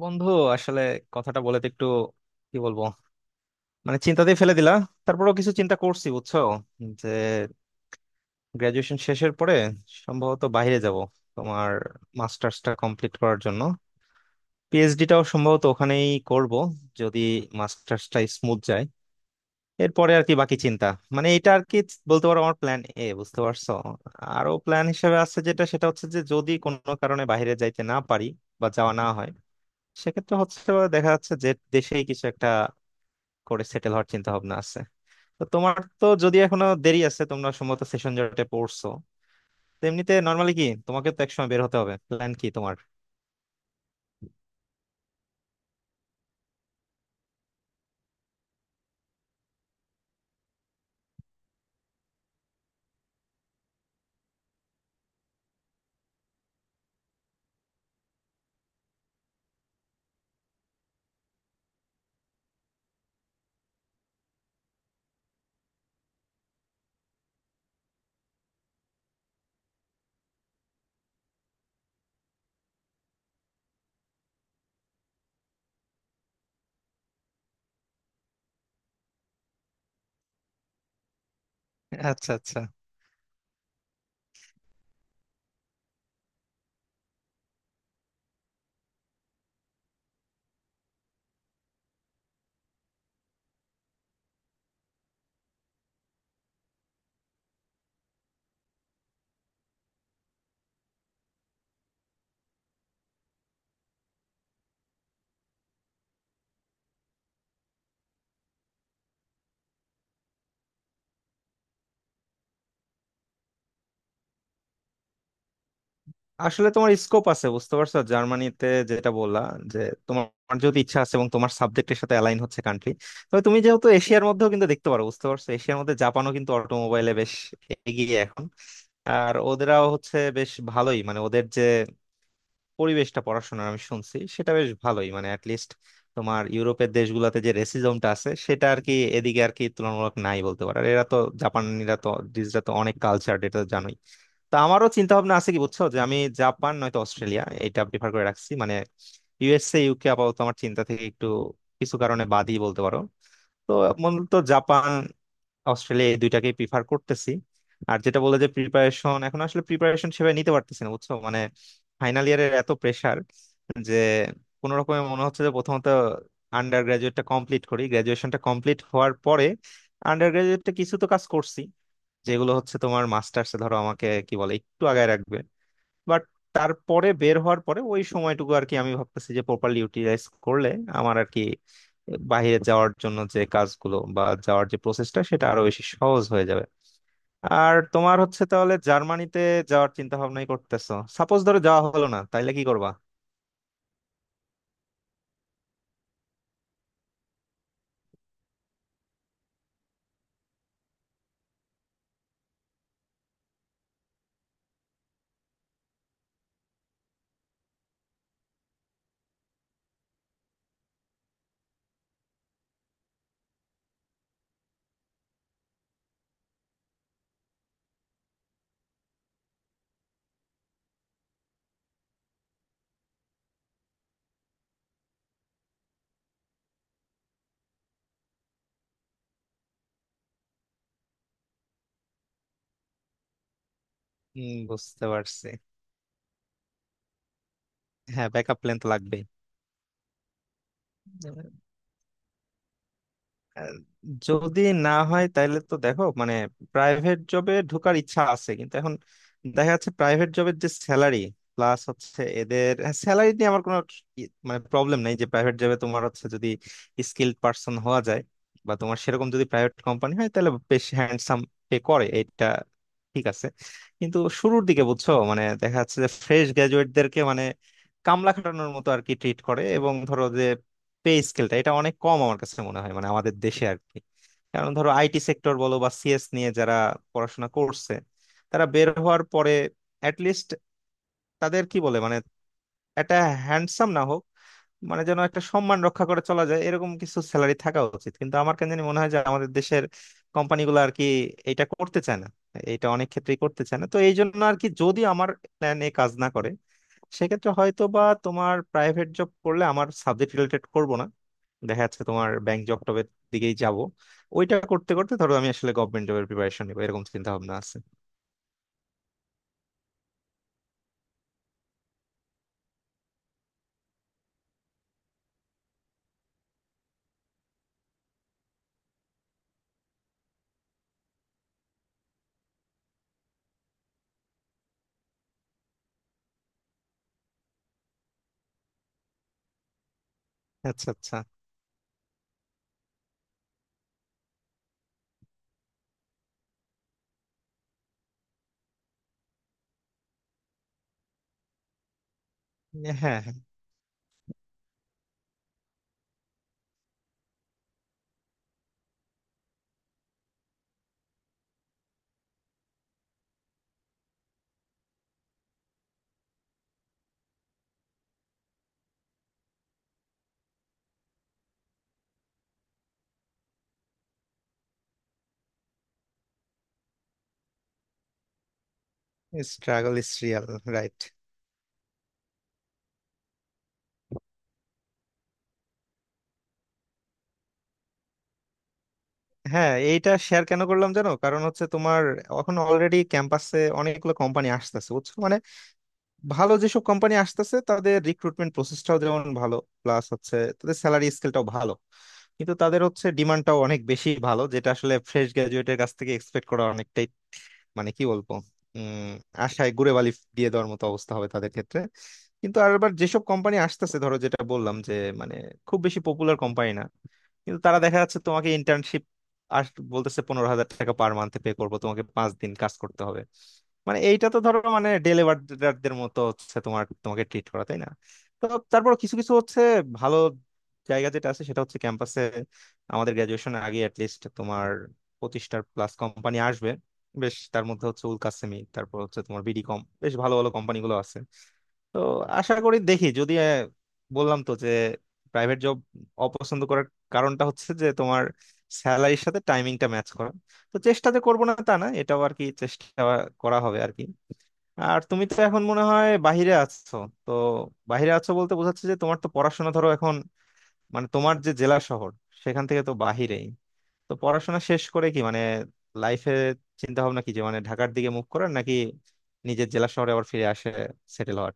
বন্ধু, আসলে কথাটা বলে তো একটু কি বলবো, মানে চিন্তাতেই ফেলে দিলা। তারপরেও কিছু চিন্তা করছি বুঝছো, যে গ্রাজুয়েশন শেষের পরে সম্ভবত বাইরে যাব তোমার মাস্টার্সটা কমপ্লিট করার জন্য। পিএইচডিটাও সম্ভবত ওখানেই করব যদি মাস্টার্সটা স্মুথ যায়। এরপরে আর কি বাকি চিন্তা, মানে এটা আর কি বলতে পারো আমার প্ল্যান এ, বুঝতে পারছো। আরো প্ল্যান হিসেবে আছে, যেটা সেটা হচ্ছে যে যদি কোনো কারণে বাইরে যাইতে না পারি বা যাওয়া না হয়, সেক্ষেত্রে হচ্ছে দেখা যাচ্ছে যে দেশেই কিছু একটা করে সেটেল হওয়ার চিন্তা ভাবনা আছে। তো তোমার তো যদি এখনো দেরি আছে, তোমরা সম্ভবত সেশন জটে পড়ছো। তো এমনিতে নর্মালি কি, তোমাকে তো একসময় বের হতে হবে, প্ল্যান কি তোমার? আচ্ছা আচ্ছা। আসলে তোমার স্কোপ আছে বুঝতে পারছো, জার্মানিতে যেটা বললা, যে তোমার যদি ইচ্ছা আছে এবং তোমার সাবজেক্টের সাথে অ্যালাইন হচ্ছে কান্ট্রি, তবে তুমি যেহেতু এশিয়ার মধ্যেও কিন্তু দেখতে পারো, বুঝতে পারছো, এশিয়ার মধ্যে জাপানও কিন্তু অটোমোবাইলে বেশ এগিয়ে এখন। আর ওদেরাও হচ্ছে বেশ ভালোই, মানে ওদের যে পরিবেশটা পড়াশোনার আমি শুনছি সেটা বেশ ভালোই, মানে অ্যাটলিস্ট তোমার ইউরোপের দেশগুলোতে যে রেসিজমটা আছে সেটা আর কি এদিকে আর কি তুলনামূলক নাই বলতে পারো। আর এরা তো, জাপানিরা তো ডিজরা তো অনেক কালচার, এটা তো জানোই। তো আমারও চিন্তা ভাবনা আছে কি বুঝছো, যে আমি জাপান নয়তো অস্ট্রেলিয়া এটা প্রিফার করে রাখছি। মানে ইউএসএ ইউকে আপাতত আমার চিন্তা থেকে একটু কিছু কারণে বাদই বলতে পারো। তো মূলত জাপান অস্ট্রেলিয়া এই দুইটাকে প্রিফার করতেছি। আর যেটা বলে যে প্রিপারেশন, এখন আসলে প্রিপারেশন সেভাবে নিতে পারতেছি না বুঝছো, মানে ফাইনাল ইয়ারের এত প্রেসার যে কোনো রকমে মনে হচ্ছে যে প্রথমত আন্ডার গ্রাজুয়েটটা কমপ্লিট করি। গ্রাজুয়েশনটা কমপ্লিট হওয়ার পরে, আন্ডার গ্রাজুয়েটটা কিছু তো কাজ করছি যেগুলো হচ্ছে তোমার মাস্টার্সে ধরো আমাকে কি বলে একটু আগায় রাখবে। বাট তারপরে বের হওয়ার পরে ওই সময়টুকু আর কি আমি ভাবতেছি যে প্রপারলি ইউটিলাইজ করলে আমার আর কি বাইরে যাওয়ার জন্য যে কাজগুলো বা যাওয়ার যে প্রসেসটা সেটা আরো বেশি সহজ হয়ে যাবে। আর তোমার হচ্ছে তাহলে জার্মানিতে যাওয়ার চিন্তা ভাবনাই করতেছো। সাপোজ ধরো যাওয়া হলো না, তাইলে কি করবা? হম, বুঝতে পারছি। হ্যাঁ, ব্যাকআপ প্ল্যান তো লাগবেই। আহ, যদি না হয় তাহলে তো দেখো মানে প্রাইভেট জবে ঢোকার ইচ্ছা আছে, কিন্তু এখন দেখা যাচ্ছে প্রাইভেট জবের যে স্যালারি, প্লাস হচ্ছে এদের স্যালারি নিয়ে আমার কোনো মানে প্রবলেম নাই, যে প্রাইভেট জবে তোমার হচ্ছে যদি স্কিল্ড পার্সন হওয়া যায় বা তোমার সেরকম যদি প্রাইভেট কোম্পানি হয় তাহলে বেশ হ্যান্ডসাম পে করে, এটা ঠিক আছে। কিন্তু শুরুর দিকে বুঝছো মানে দেখা যাচ্ছে যে ফ্রেশ গ্রাজুয়েটদেরকে মানে কামলা খাটানোর মতো আর কি ট্রিট করে, এবং ধরো যে পে স্কেলটা এটা অনেক কম আমার কাছে মনে হয়, মানে আমাদের দেশে আর কি। কারণ ধরো আইটি সেক্টর বলো বা সিএস নিয়ে যারা পড়াশোনা করছে, তারা বের হওয়ার পরে অ্যাটলিস্ট তাদের কি বলে মানে একটা হ্যান্ডসাম না হোক, মানে যেন একটা সম্মান রক্ষা করে চলা যায় এরকম কিছু স্যালারি থাকা উচিত। কিন্তু আমার কেন জানি মনে হয় যে আমাদের দেশের কোম্পানিগুলো আর কি এটা করতে চায় না, এটা অনেক ক্ষেত্রেই করতে চায় না। তো এই জন্য আর কি যদি আমার প্ল্যান এ কাজ না করে, সেক্ষেত্রে হয়তো বা তোমার প্রাইভেট জব করলে আমার সাবজেক্ট রিলেটেড করব না, দেখা যাচ্ছে তোমার ব্যাংক জব টবের দিকেই যাব। ওইটা করতে করতে ধরো আমি আসলে গভর্নমেন্ট জবের প্রিপারেশন নিবো, এরকম চিন্তা ভাবনা আছে। আচ্ছা আচ্ছা। হ্যাঁ, হ্যাঁ, স্ট্রাগল ইজ রিয়াল, রাইট। হ্যাঁ, এইটা শেয়ার কেন করলাম জানো, কারণ হচ্ছে তোমার এখন অলরেডি ক্যাম্পাসে অনেকগুলো কোম্পানি আসতেছে বুঝছো। মানে ভালো যেসব কোম্পানি আসতেছে, তাদের রিক্রুটমেন্ট প্রসেসটাও যেমন ভালো, প্লাস হচ্ছে তাদের স্যালারি স্কেলটাও ভালো, কিন্তু তাদের হচ্ছে ডিমান্ডটাও অনেক বেশি, ভালো যেটা আসলে ফ্রেশ গ্রাজুয়েটের কাছ থেকে এক্সপেক্ট করা অনেকটাই মানে কি বলবো, উম আশায় গুড়ে বালি দিয়ে দেওয়ার মতো অবস্থা হবে তাদের ক্ষেত্রে। কিন্তু আর আবার যেসব কোম্পানি আসতেছে ধরো, যেটা বললাম যে মানে খুব বেশি পপুলার কোম্পানি না, কিন্তু তারা দেখা যাচ্ছে তোমাকে ইন্টার্নশিপ আস বলতেছে 15,000 টাকা পার মান্থে পে করবো, তোমাকে 5 দিন কাজ করতে হবে। মানে এইটা তো ধরো মানে ডেলিভারদের মতো হচ্ছে তোমার, তোমাকে ট্রিট করা, তাই না? তো তারপর কিছু কিছু হচ্ছে ভালো জায়গা যেটা আছে সেটা হচ্ছে ক্যাম্পাসে আমাদের গ্রাজুয়েশনের আগে অ্যাটলিস্ট তোমার 25টার প্লাস কোম্পানি আসবে। বেশ, তার মধ্যে হচ্ছে উল কাসেমি, তারপর হচ্ছে তোমার বিডি কম, বেশ ভালো ভালো কোম্পানিগুলো আছে। তো আশা করি দেখি যদি। বললাম তো যে প্রাইভেট জব অপছন্দ করার কারণটা হচ্ছে যে তোমার স্যালারির সাথে টাইমিংটা ম্যাচ করা। তো চেষ্টা যে করবো না তা না, এটাও আর কি চেষ্টা করা হবে আর কি। আর তুমি তো এখন মনে হয় বাইরে আছো। তো বাইরে আছো বলতে বোঝাচ্ছে যে তোমার তো পড়াশোনা ধরো এখন মানে তোমার যে জেলা শহর, সেখান থেকে তো বাহিরেই। তো পড়াশোনা শেষ করে কি মানে লাইফে চিন্তা ভাবনা কি, যে মানে ঢাকার দিকে মুভ করার নাকি নিজের জেলা শহরে আবার ফিরে আসে সেটেল হওয়ার?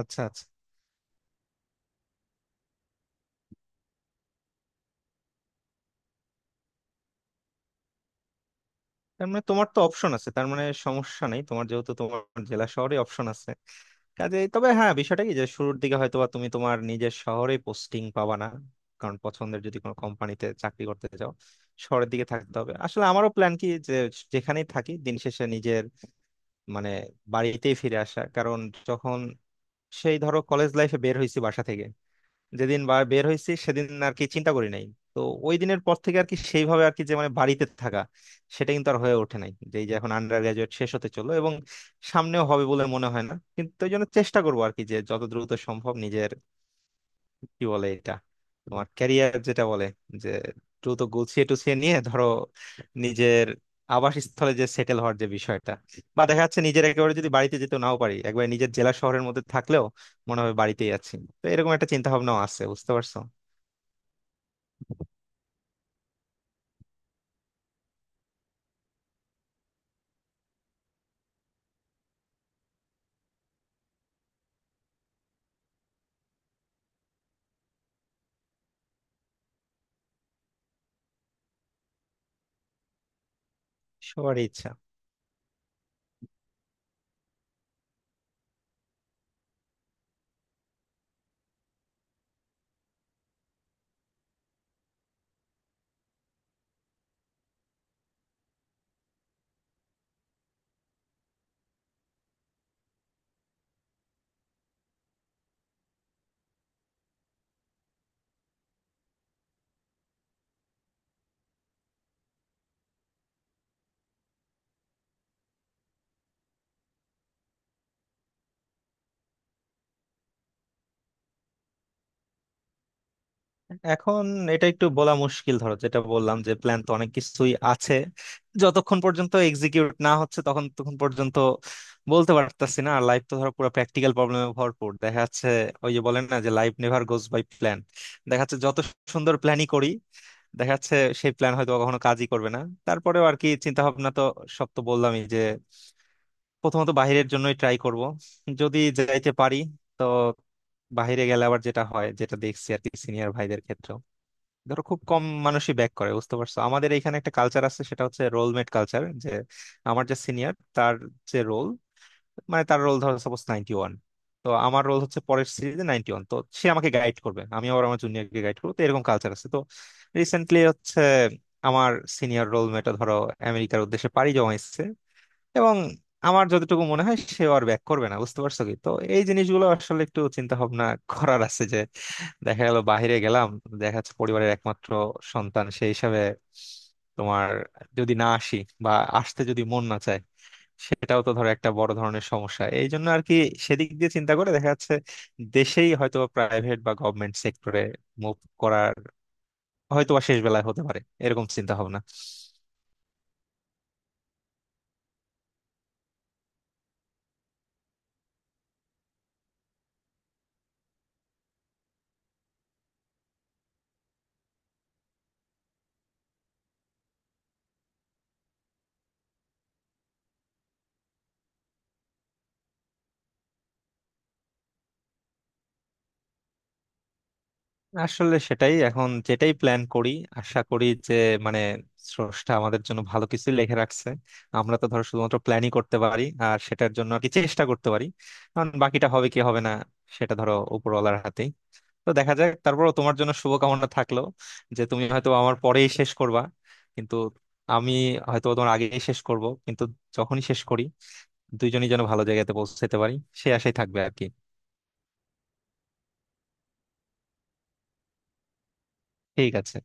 আচ্ছা আচ্ছা, তার মানে তোমার তো অপশন আছে, তার মানে সমস্যা নেই তোমার, যেহেতু তোমার জেলা শহরে অপশন আছে কাজে। তবে হ্যাঁ, বিষয়টা কি যে শুরুর দিকে হয়তো বা তুমি তোমার নিজের শহরে পোস্টিং পাবা না, কারণ পছন্দের যদি কোনো কোম্পানিতে চাকরি করতে চাও, শহরের দিকে থাকতে হবে। আসলে আমারও প্ল্যান কি যে যেখানেই থাকি দিন শেষে নিজের মানে বাড়িতেই ফিরে আসা, কারণ যখন সেই ধরো কলেজ লাইফে বের হয়েছি বাসা থেকে, যেদিন বা বের হয়েছি সেদিন আর কি চিন্তা করি নাই। তো ওই দিনের পর থেকে আর কি সেইভাবে আর কি যে মানে বাড়িতে থাকা সেটা কিন্তু আর হয়ে ওঠে নাই, যে এই যে এখন আন্ডার গ্রাজুয়েট শেষ হতে চলো এবং সামনেও হবে বলে মনে হয় না। কিন্তু ওই জন্য চেষ্টা করবো আর কি যে যত দ্রুত সম্ভব নিজের কি বলে এটা, তোমার ক্যারিয়ার যেটা বলে, যে দ্রুত গুছিয়ে টুছিয়ে নিয়ে ধরো নিজের আবাসস্থলে যে সেটেল হওয়ার যে বিষয়টা, বা দেখা যাচ্ছে নিজের একেবারে যদি বাড়িতে যেতে নাও পারি, একবারে নিজের জেলা শহরের মধ্যে থাকলেও মনে হবে বাড়িতেই আছি। তো এরকম একটা চিন্তা ভাবনাও আছে, বুঝতে পারছো। সবারই ইচ্ছা। এখন এটা একটু বলা মুশকিল ধরো, যেটা বললাম যে প্ল্যান তো অনেক কিছুই আছে, যতক্ষণ পর্যন্ত এক্সিকিউট না হচ্ছে তখন তখন পর্যন্ত বলতে পারতাছি না। আর লাইফ তো ধরো পুরো প্র্যাকটিক্যাল প্রবলেমে ভরপুর দেখা যাচ্ছে। ওই যে বলেন না যে life never goes by plan. দেখা যাচ্ছে যত সুন্দর প্ল্যানই করি দেখা যাচ্ছে সেই প্ল্যান হয়তো কখনো কাজই করবে না। তারপরেও আর কি চিন্তা ভাবনা তো সব তো বললামই, যে প্রথমত বাইরের জন্যই ট্রাই করব যদি যাইতে পারি। তো বাইরে গেলে আবার যেটা হয় যেটা দেখছি আর কি সিনিয়র ভাইদের ক্ষেত্রে, ধরো খুব কম মানুষই ব্যাক করে, বুঝতে পারছো। আমাদের এখানে একটা কালচার আছে সেটা হচ্ছে রোলমেট কালচার, যে আমার যে সিনিয়র তার যে রোল, মানে তার রোল ধরো সাপোজ 91, তো আমার রোল হচ্ছে পরের সিরিজে 91, তো সে আমাকে গাইড করবে আমি আবার আমার জুনিয়রকে গাইড করবো, তো এরকম কালচার আছে। তো রিসেন্টলি হচ্ছে আমার সিনিয়র রোলমেটও ধরো আমেরিকার উদ্দেশ্যে পাড়ি জমাইছে, এবং আমার যতটুকু মনে হয় সে আর ব্যাক করবে না, বুঝতে পারছো কি? তো এই জিনিসগুলো আসলে একটু চিন্তা ভাবনা করার আছে, যে দেখা গেল বাইরে গেলাম, দেখা যাচ্ছে পরিবারের একমাত্র সন্তান সেই হিসাবে তোমার, যদি না আসি বা আসতে যদি মন না চায়, সেটাও তো ধরো একটা বড় ধরনের সমস্যা। এই জন্য আর কি সেদিক দিয়ে চিন্তা করে দেখা যাচ্ছে দেশেই হয়তো প্রাইভেট বা গভর্নমেন্ট সেক্টরে মুভ করার হয়তো বা শেষ বেলায় হতে পারে, এরকম চিন্তা ভাবনা। আসলে সেটাই, এখন যেটাই প্ল্যান করি আশা করি যে মানে স্রষ্টা আমাদের জন্য ভালো কিছু লিখে রাখছে। আমরা তো ধরো শুধুমাত্র প্ল্যানই করতে পারি আর সেটার জন্য আর কি চেষ্টা করতে পারি, কারণ বাকিটা হবে কি হবে না সেটা ধরো উপরওয়ালার হাতেই। তো দেখা যাক, তারপরও তোমার জন্য শুভকামনা থাকলো, যে তুমি হয়তো আমার পরেই শেষ করবা কিন্তু আমি হয়তো তোমার আগেই শেষ করব, কিন্তু যখনই শেষ করি দুইজনই যেন ভালো জায়গাতে পৌঁছাতে পারি সে আশাই থাকবে আর কি। ঠিক আছে।